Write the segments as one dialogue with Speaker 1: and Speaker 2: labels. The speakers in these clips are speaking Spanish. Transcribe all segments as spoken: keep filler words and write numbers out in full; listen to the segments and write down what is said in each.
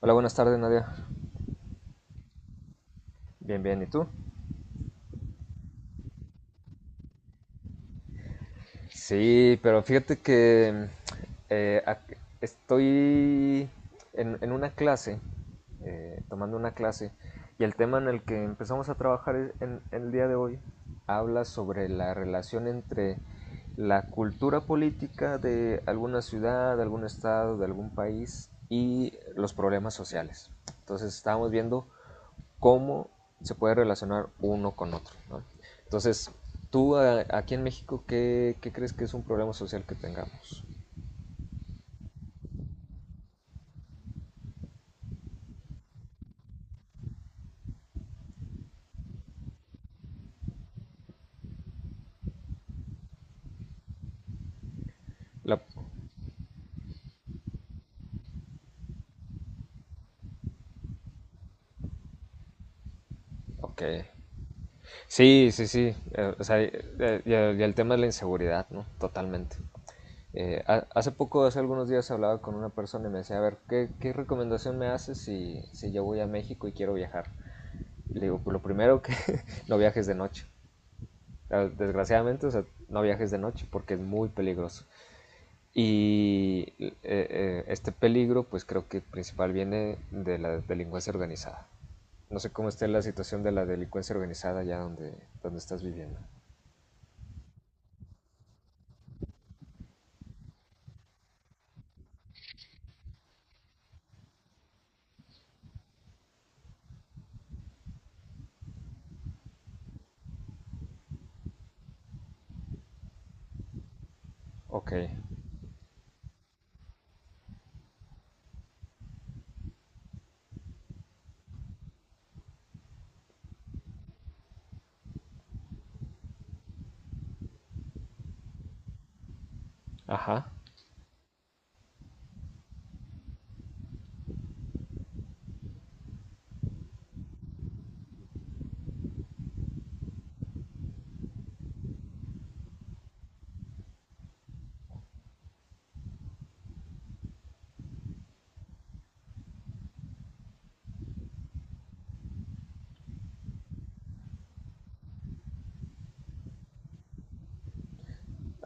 Speaker 1: Hola, buenas tardes, Nadia. Bien, bien, ¿y tú? Sí, pero fíjate que eh, ac- estoy en, en una clase, eh, tomando una clase, y el tema en el que empezamos a trabajar es- en, en el día de hoy habla sobre la relación entre la cultura política de alguna ciudad, de algún estado, de algún país y los problemas sociales. Entonces estábamos viendo cómo se puede relacionar uno con otro, ¿no? Entonces, tú a- aquí en México, ¿qué, qué crees que es un problema social que tengamos? La... Ok. Sí, sí, sí. Eh, o sea, eh, y, el y el tema de la inseguridad, ¿no? Totalmente. Eh, ha- hace poco, hace algunos días, hablaba con una persona y me decía, a ver, ¿qué, qué recomendación me haces si, si yo voy a México y quiero viajar? Le digo, pues lo primero que no viajes de noche. Ah, Desgraciadamente, o sea, no viajes de noche porque es muy peligroso. Y eh, eh, este peligro, pues creo que principal viene de la delincuencia organizada. No sé cómo esté la situación de la delincuencia organizada allá donde, donde estás viviendo. Ok, ajá.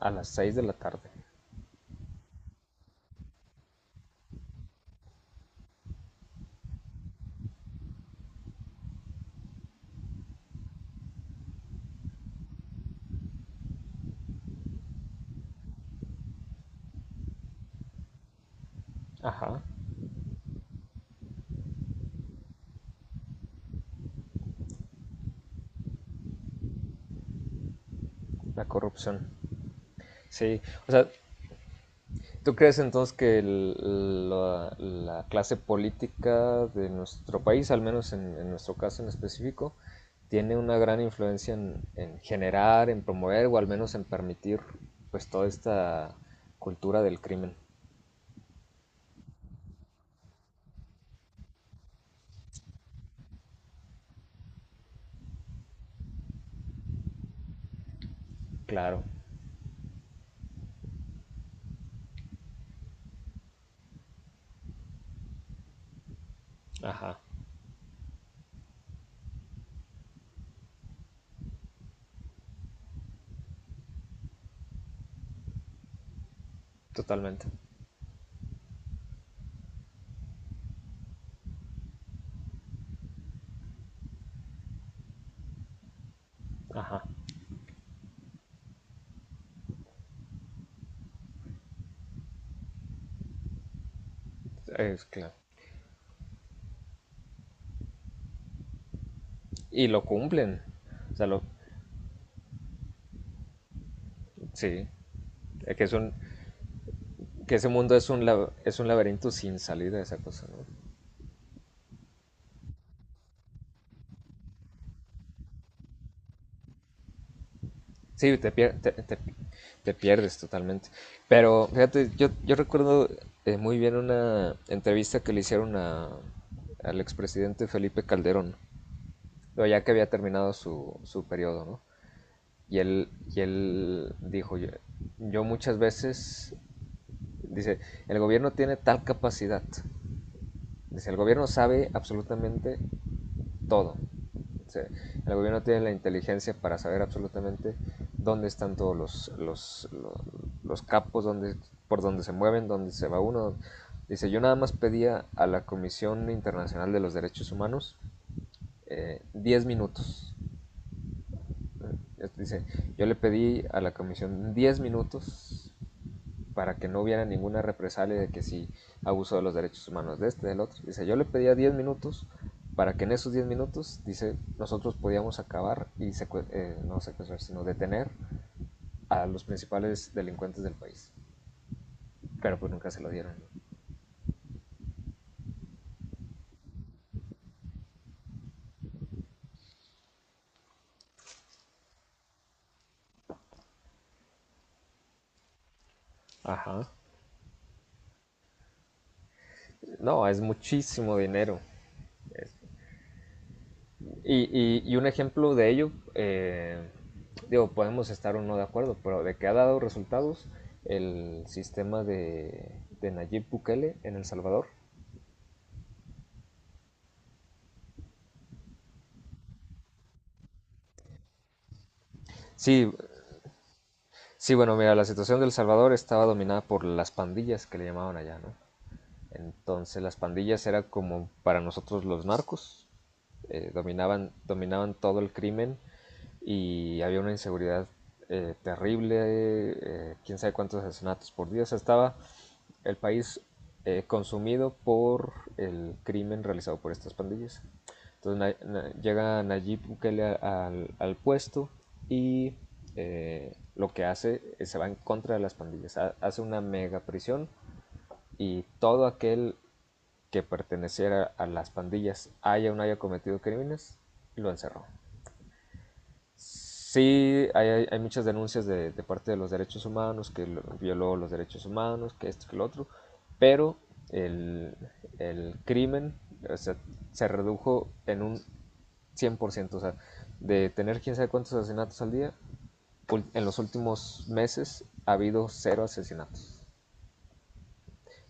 Speaker 1: A las seis de la tarde. Ajá. La corrupción. Sí, o sea, ¿tú crees entonces que el- la, la clase política de nuestro país, al menos en, en nuestro caso en específico, tiene una gran influencia en, en generar, en promover o al menos en permitir pues toda esta cultura del crimen? Claro, ajá, totalmente, ajá, es claro. Y lo cumplen, o sea, lo, sí, es que es un, que ese mundo es un, lab- es un laberinto sin salida esa cosa, ¿no? Sí, te, pier- te, te- te pierdes totalmente. Pero fíjate, yo, yo recuerdo eh, muy bien una entrevista que le hicieron a, al expresidente Felipe Calderón, pero ya que había terminado su, su periodo, ¿no? Y él, y él dijo, yo, yo muchas veces, dice, el gobierno tiene tal capacidad, dice, el gobierno sabe absolutamente todo. O sea, el gobierno tiene la inteligencia para saber absolutamente dónde están todos los, los, los, los capos, dónde, por dónde se mueven, dónde se va uno. Dice, yo nada más pedía a la Comisión Internacional de los Derechos Humanos diez eh, diez minutos. Dice, yo le pedí a la Comisión diez minutos para que no hubiera ninguna represalia de que si abuso de los derechos humanos de este, del otro. Dice, yo le pedía diez minutos para que en esos diez minutos, dice, nosotros podíamos acabar y secue- eh, no secuestrar, sino detener a los principales delincuentes del país. Pero pues nunca se lo dieron. Ajá. No, es muchísimo dinero. Y, y- y un ejemplo de ello, eh, digo, podemos estar o no de acuerdo, pero de que ha dado resultados el sistema de, de Nayib Bukele en El Salvador. Sí, sí, bueno, mira, la situación de El Salvador estaba dominada por las pandillas que le llamaban allá, ¿no? Entonces las pandillas eran como para nosotros los narcos, eh, dominaban, dominaban todo el crimen y había una inseguridad eh, terrible, eh, quién sabe cuántos asesinatos por día, o sea, estaba el país eh, consumido por el crimen realizado por estas pandillas. Entonces na, na, llega Nayib Bukele al, al puesto y eh, lo que hace es se va en contra de las pandillas, hace una mega prisión y todo aquel que perteneciera a las pandillas haya o no haya cometido crímenes, lo encerró. Sí, hay, hay muchas denuncias de, de, parte de los derechos humanos, que violó los derechos humanos, que esto, que lo otro, pero el, el crimen o se redujo en un cien por ciento, o sea, de tener quién sabe cuántos asesinatos al día, en los últimos meses ha habido cero asesinatos.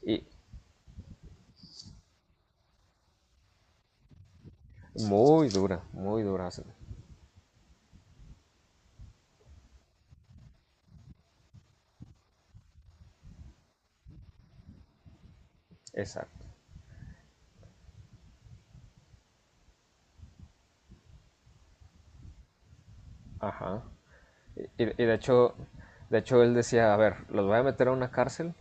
Speaker 1: Y muy dura, muy dura. Exacto. Ajá. Y, y de hecho, de hecho él decía, a ver, los voy a meter a una cárcel.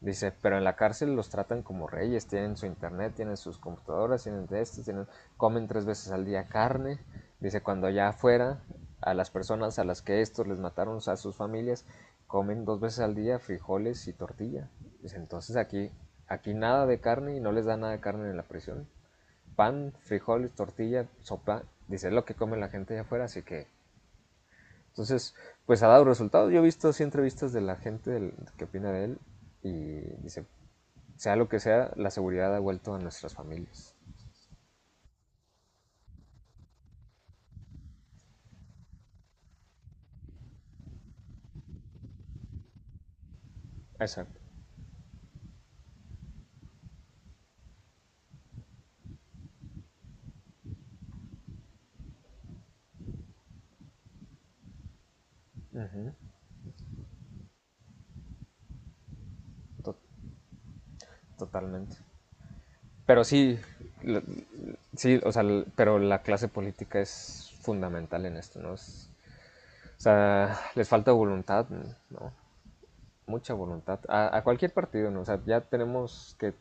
Speaker 1: Dice, pero en la cárcel los tratan como reyes, tienen su internet, tienen sus computadoras, tienen de esto, tienen, comen tres veces al día carne. Dice, cuando allá afuera, a las personas a las que estos les mataron a sus familias, comen dos veces al día frijoles y tortilla. Dice, entonces aquí, aquí nada de carne y no les da nada de carne en la prisión. Pan, frijoles, tortilla, sopa, dice, es lo que come la gente allá afuera, así que entonces, pues ha dado resultados. Yo he visto sí entrevistas de la gente del, que opina de él y dice, sea lo que sea, la seguridad ha vuelto a nuestras familias. Exacto. Ujú, to- totalmente. Pero sí, la- sí, o sea, pero la clase política es fundamental en esto, ¿no? Es- o sea, les falta voluntad, ¿no? Mucha voluntad. A, a cualquier partido, ¿no? O sea, ya tenemos que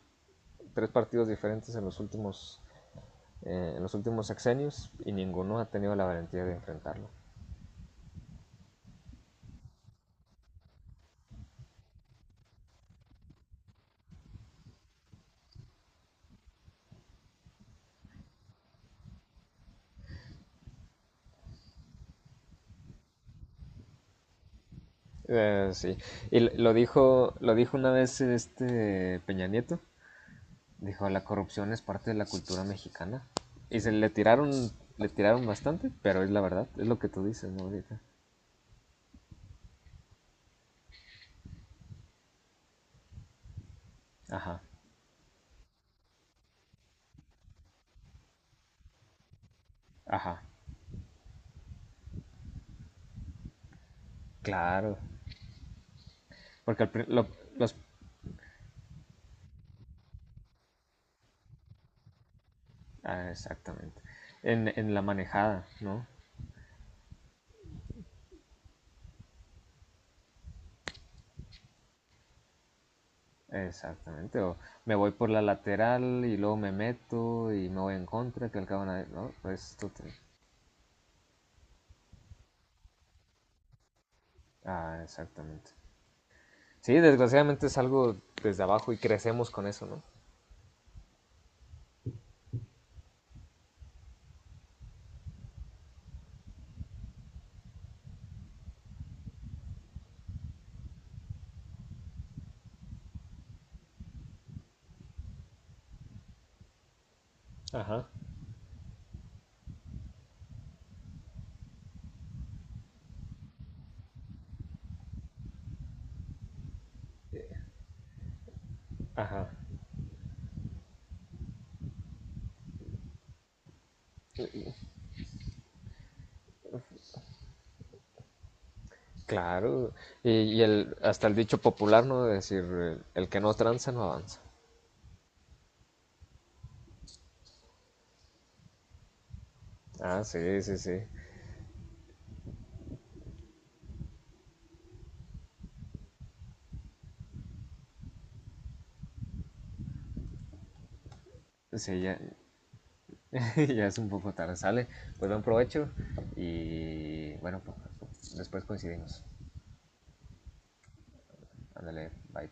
Speaker 1: tres partidos diferentes en los últimos eh, en los últimos sexenios y ninguno ha tenido la valentía de enfrentarlo. Eh, sí, y lo dijo, lo dijo una vez este Peña Nieto, dijo la corrupción es parte de la cultura mexicana y se le tiraron, le tiraron bastante, pero es la verdad, es lo que tú dices, ¿no? Ahorita. Ajá, ajá, claro, porque el lo- los, ah, exactamente, en, en la manejada, ¿no? Exactamente, o me voy por la lateral y luego me meto y me voy en contra, que al cabo nadie. No, pues tú te. Ah, exactamente. Sí, desgraciadamente es algo desde abajo y crecemos con eso, ¿no? Ajá, ajá. Claro, y, y el, hasta el dicho popular, ¿no? De decir, eh, el que no tranza no avanza. Ah, sí, sí, sí. Sí, ya, ya es un poco tarde, sale. Pues buen provecho y bueno, pues, después coincidimos. Ándale, bye.